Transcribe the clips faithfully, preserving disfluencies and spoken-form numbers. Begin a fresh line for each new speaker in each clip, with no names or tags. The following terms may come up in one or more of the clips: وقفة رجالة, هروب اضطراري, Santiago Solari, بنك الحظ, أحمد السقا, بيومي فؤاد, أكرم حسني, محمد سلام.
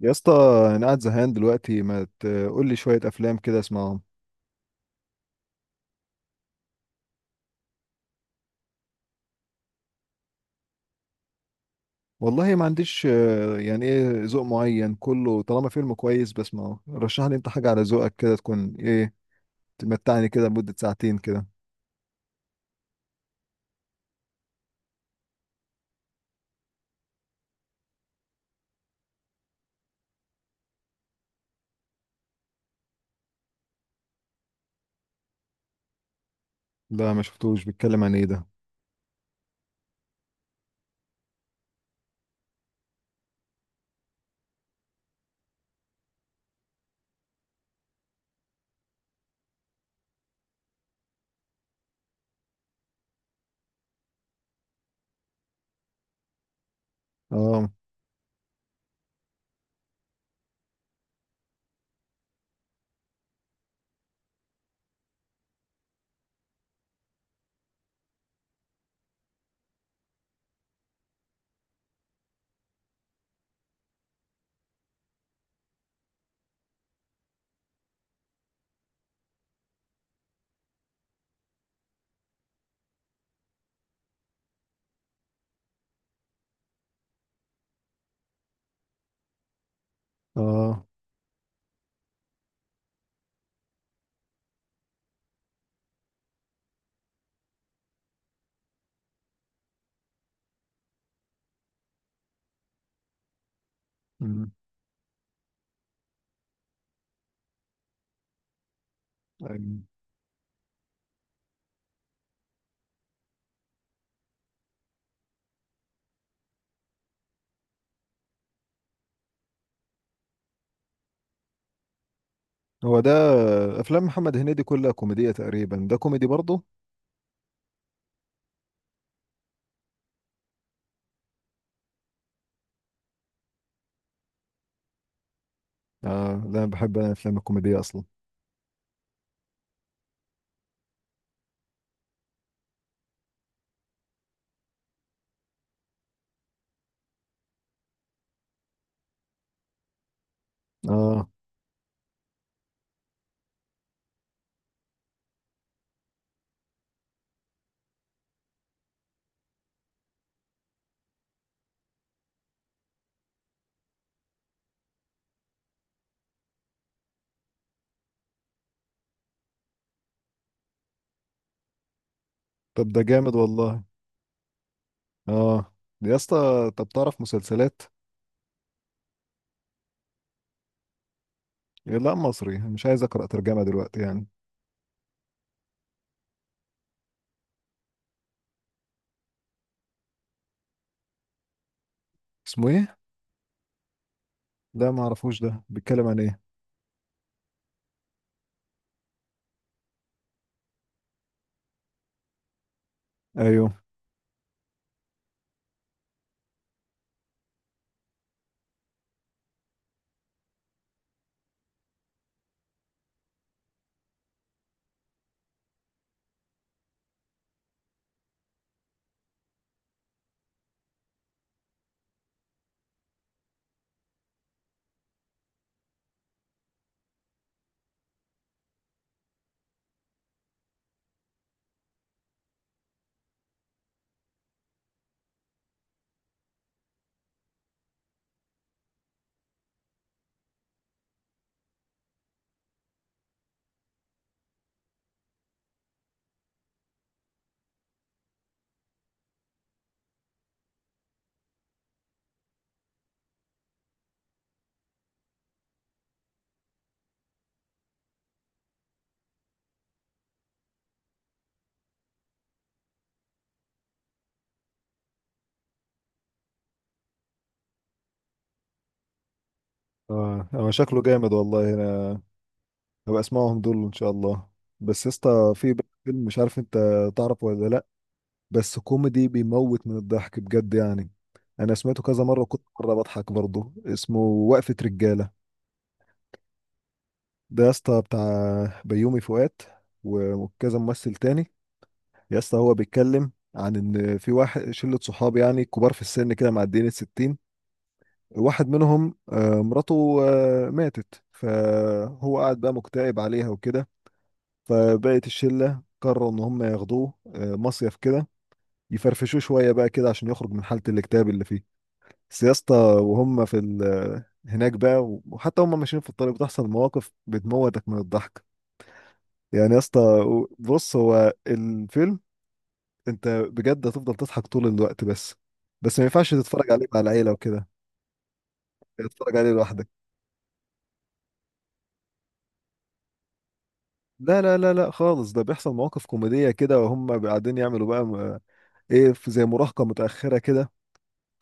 يا اسطى، انا قاعد زهقان دلوقتي، ما تقول لي شويه افلام كده اسمعهم؟ والله ما عنديش. آه، يعني ايه ذوق معين، كله طالما فيلم كويس بسمعه. رشح لي انت حاجه على ذوقك، كده تكون ايه تمتعني كده لمده ساعتين كده. لا، ما شفتوش. بيتكلم عن ايه ده؟ اه. اه. مم. أيوة. هو ده. افلام محمد هنيدي كلها كوميديه تقريبا، ده كوميدي برضه؟ اه، لا، أنا بحب، انا الافلام الكوميديه اصلا. اه، طب ده جامد والله. اه، يا اسطى، طب تعرف مسلسلات؟ إيه، لا، مصري، مش عايز اقرا ترجمه دلوقتي يعني. اسمه ايه؟ لا، ما اعرفوش. ده بيتكلم عن ايه؟ ايوه. اه، هو شكله جامد والله. انا هبقى اسمعهم دول ان شاء الله. بس يا اسطى، في بقى فيلم مش عارف انت تعرف ولا لا. بس كوميدي بيموت من الضحك بجد يعني. انا سمعته كذا مره، وكنت مره بضحك برضه، اسمه وقفه رجاله. ده يا اسطى بتاع بيومي فؤاد و- وكذا ممثل تاني. يا اسطى، هو بيتكلم عن ان في واحد شله صحاب يعني كبار في السن كده، معديين الستين. واحد منهم آه، مراته آه، ماتت، فهو قاعد بقى مكتئب عليها وكده. فبقت الشلة قرروا إن هم ياخدوه آه، مصيف كده، يفرفشوه شوية بقى كده عشان يخرج من حالة الاكتئاب اللي فيه. بس يا اسطى، وهم في ال- آه، هناك بقى، وحتى هم ماشيين في الطريق بتحصل مواقف بتموتك من الضحك. يعني يا اسطى، بص هو الفيلم، انت بجد هتفضل تضحك طول الوقت. بس بس ما ينفعش تتفرج عليه مع العيلة وكده، تتفرج عليه لوحدك. لا، لا، لا، لا، خالص. ده بيحصل مواقف كوميدية كده وهم قاعدين يعملوا بقى م- ايه، في زي مراهقة متأخرة كده،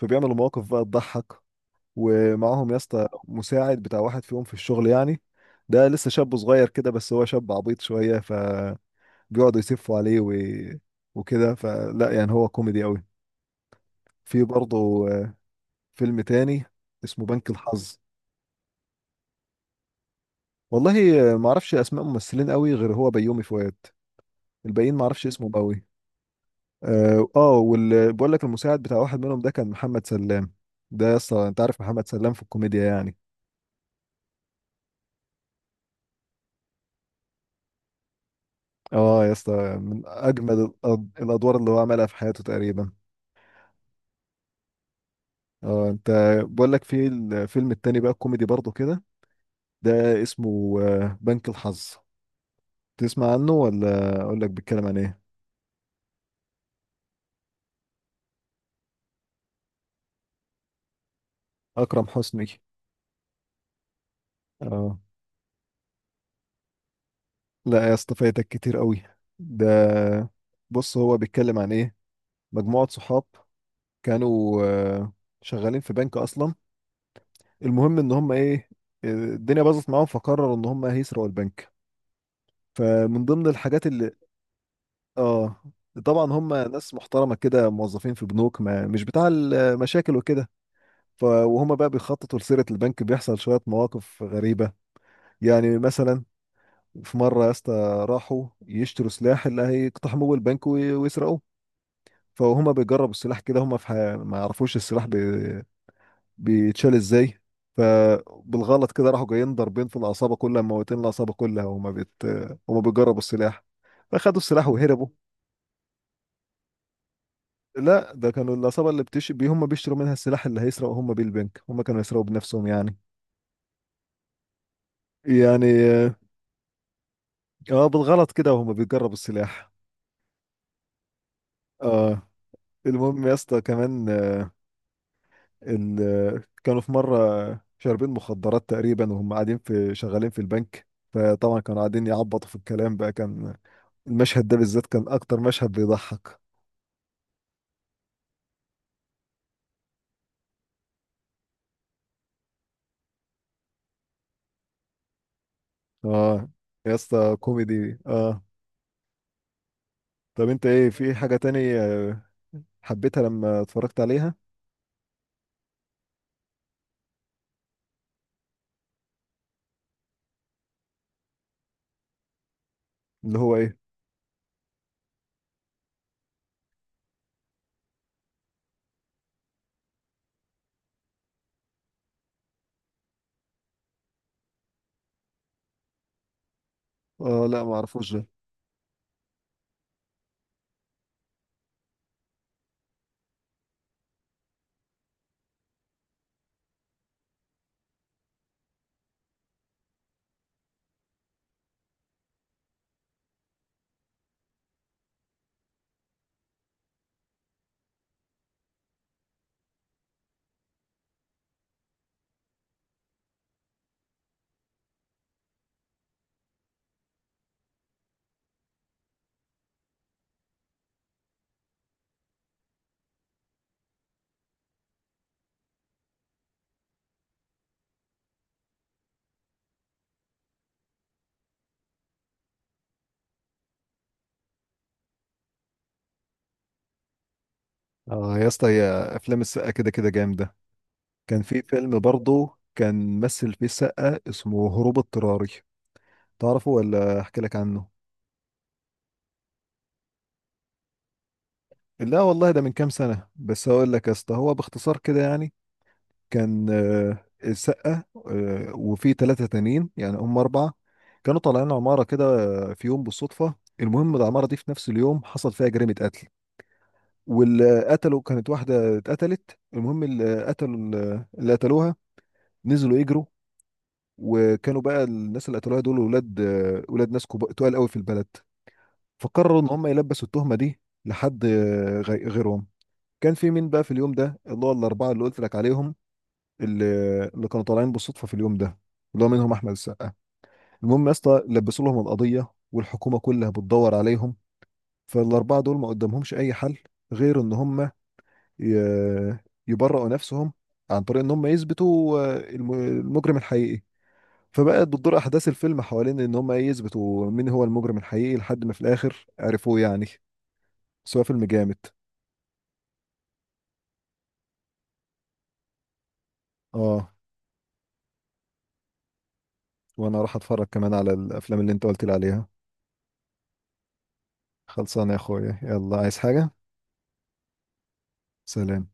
فبيعملوا مواقف بقى تضحك. ومعاهم يا اسطى مساعد بتاع واحد فيهم في الشغل يعني، ده لسه شاب صغير كده، بس هو شاب عبيط شوية، فبيقعدوا يسفوا عليه و... وكده. فلا يعني، هو كوميدي قوي. في برضه آه، فيلم تاني اسمه بنك الحظ. والله آه، معرفش اسماء ممثلين قوي غير هو بيومي فؤاد، الباقيين معرفش اسمهم قوي. اه. آه، وال بقول لك المساعد بتاع واحد منهم ده كان محمد سلام. ده يا اسطى انت عارف محمد سلام في الكوميديا يعني. اه يا اسطى، من اجمد الأد- الادوار اللي هو عملها في حياته تقريبا. اه، انت بقول لك في الفيلم التاني بقى الكوميدي برضه كده، ده اسمه آه، بنك الحظ. تسمع عنه ولا اقول لك بيتكلم عن ايه؟ اكرم حسني. اه. لا يا اسطى، فايتك كتير قوي. ده، بص، هو بيتكلم عن ايه؟ مجموعة صحاب كانوا آه، شغالين في بنك اصلا. المهم ان هم ايه، الدنيا باظت معاهم، فقرروا ان هم هيسرقوا البنك. فمن ضمن الحاجات اللي، اه، طبعا هم ناس محترمه كده، موظفين في بنوك، ما مش بتاع المشاكل وكده. ف وهم بقى بيخططوا لسرقه البنك بيحصل شويه مواقف غريبه. يعني مثلا، في مره يا اسطى راحوا يشتروا سلاح اللي هيقتحموا البنك وي- ويسرقوه. فهم بيجربوا السلاح كده، هم في ح- ما يعرفوش السلاح بيتشال ازاي. فبالغلط كده راحوا جايين ضاربين في العصابه كلها، موتين العصابه كلها، وما بت وما بيجربوا السلاح، فخدوا السلاح وهربوا. لا، ده كانوا العصابه اللي بتش بي هم بيشتروا منها السلاح اللي هيسرقوا هم بيه البنك، هم كانوا يسرقوا بنفسهم يعني. يعني اه، بالغلط كده وهم بيجربوا السلاح. اه، المهم يا اسطى كمان، آه، ال... آه، كانوا في مره شاربين مخدرات تقريبا وهم قاعدين في شغالين في البنك، فطبعا كانوا قاعدين يعبطوا في الكلام بقى. كان المشهد ده بالذات كان اكتر مشهد بيضحك. اه يا اسطى، كوميدي اه. طب انت ايه، في حاجة تاني آه، حبيتها لما اتفرجت عليها؟ اللي هو ايه؟ اه لا، ما اعرفوش ده. اه يا اسطى، هي افلام السقا كده كده جامدة. كان في فيلم برضه كان مثل فيه السقا اسمه هروب اضطراري. تعرفه ولا احكي لك عنه؟ لا والله، ده من كام سنة بس. هقول لك يا اسطى هو باختصار كده يعني. كان آه، السقا آه، وفي ثلاثة تانيين يعني هم أربعة كانوا طالعين عمارة كده آه، في يوم بالصدفة. المهم العمارة دي في نفس اليوم حصل فيها جريمة قتل، واللي قتلوا كانت واحدة اتقتلت. المهم اللي قتلوا اللي قتلوها نزلوا يجروا. وكانوا بقى الناس اللي قتلوها دول، ولاد آه، ولاد ناس كبا- تقال قوي في البلد. فقرروا إن هم يلبسوا التهمة دي لحد آه، غي- غيرهم. كان في مين بقى في اليوم ده اللي هو الأربعة اللي قلت لك عليهم، اللي اللي كانوا طالعين بالصدفه في اليوم ده، اللي هو منهم احمد السقا. المهم يا اسطى، لبسوا لهم القضيه، والحكومه كلها بتدور عليهم. فالاربعه دول ما قدامهمش اي حل غير ان هم ي- يبرئوا نفسهم عن طريق ان هم يثبتوا آه، الم- المجرم الحقيقي. فبقت بتدور احداث الفيلم حوالين ان هم ايه، يثبتوا مين هو المجرم الحقيقي لحد ما في الاخر عرفوه يعني. بس هو فيلم جامد. اه، وانا راح اتفرج كمان على الافلام اللي انت قلت لي عليها. خلصانه يا اخويا، يلا، عايز حاجه؟ سلام.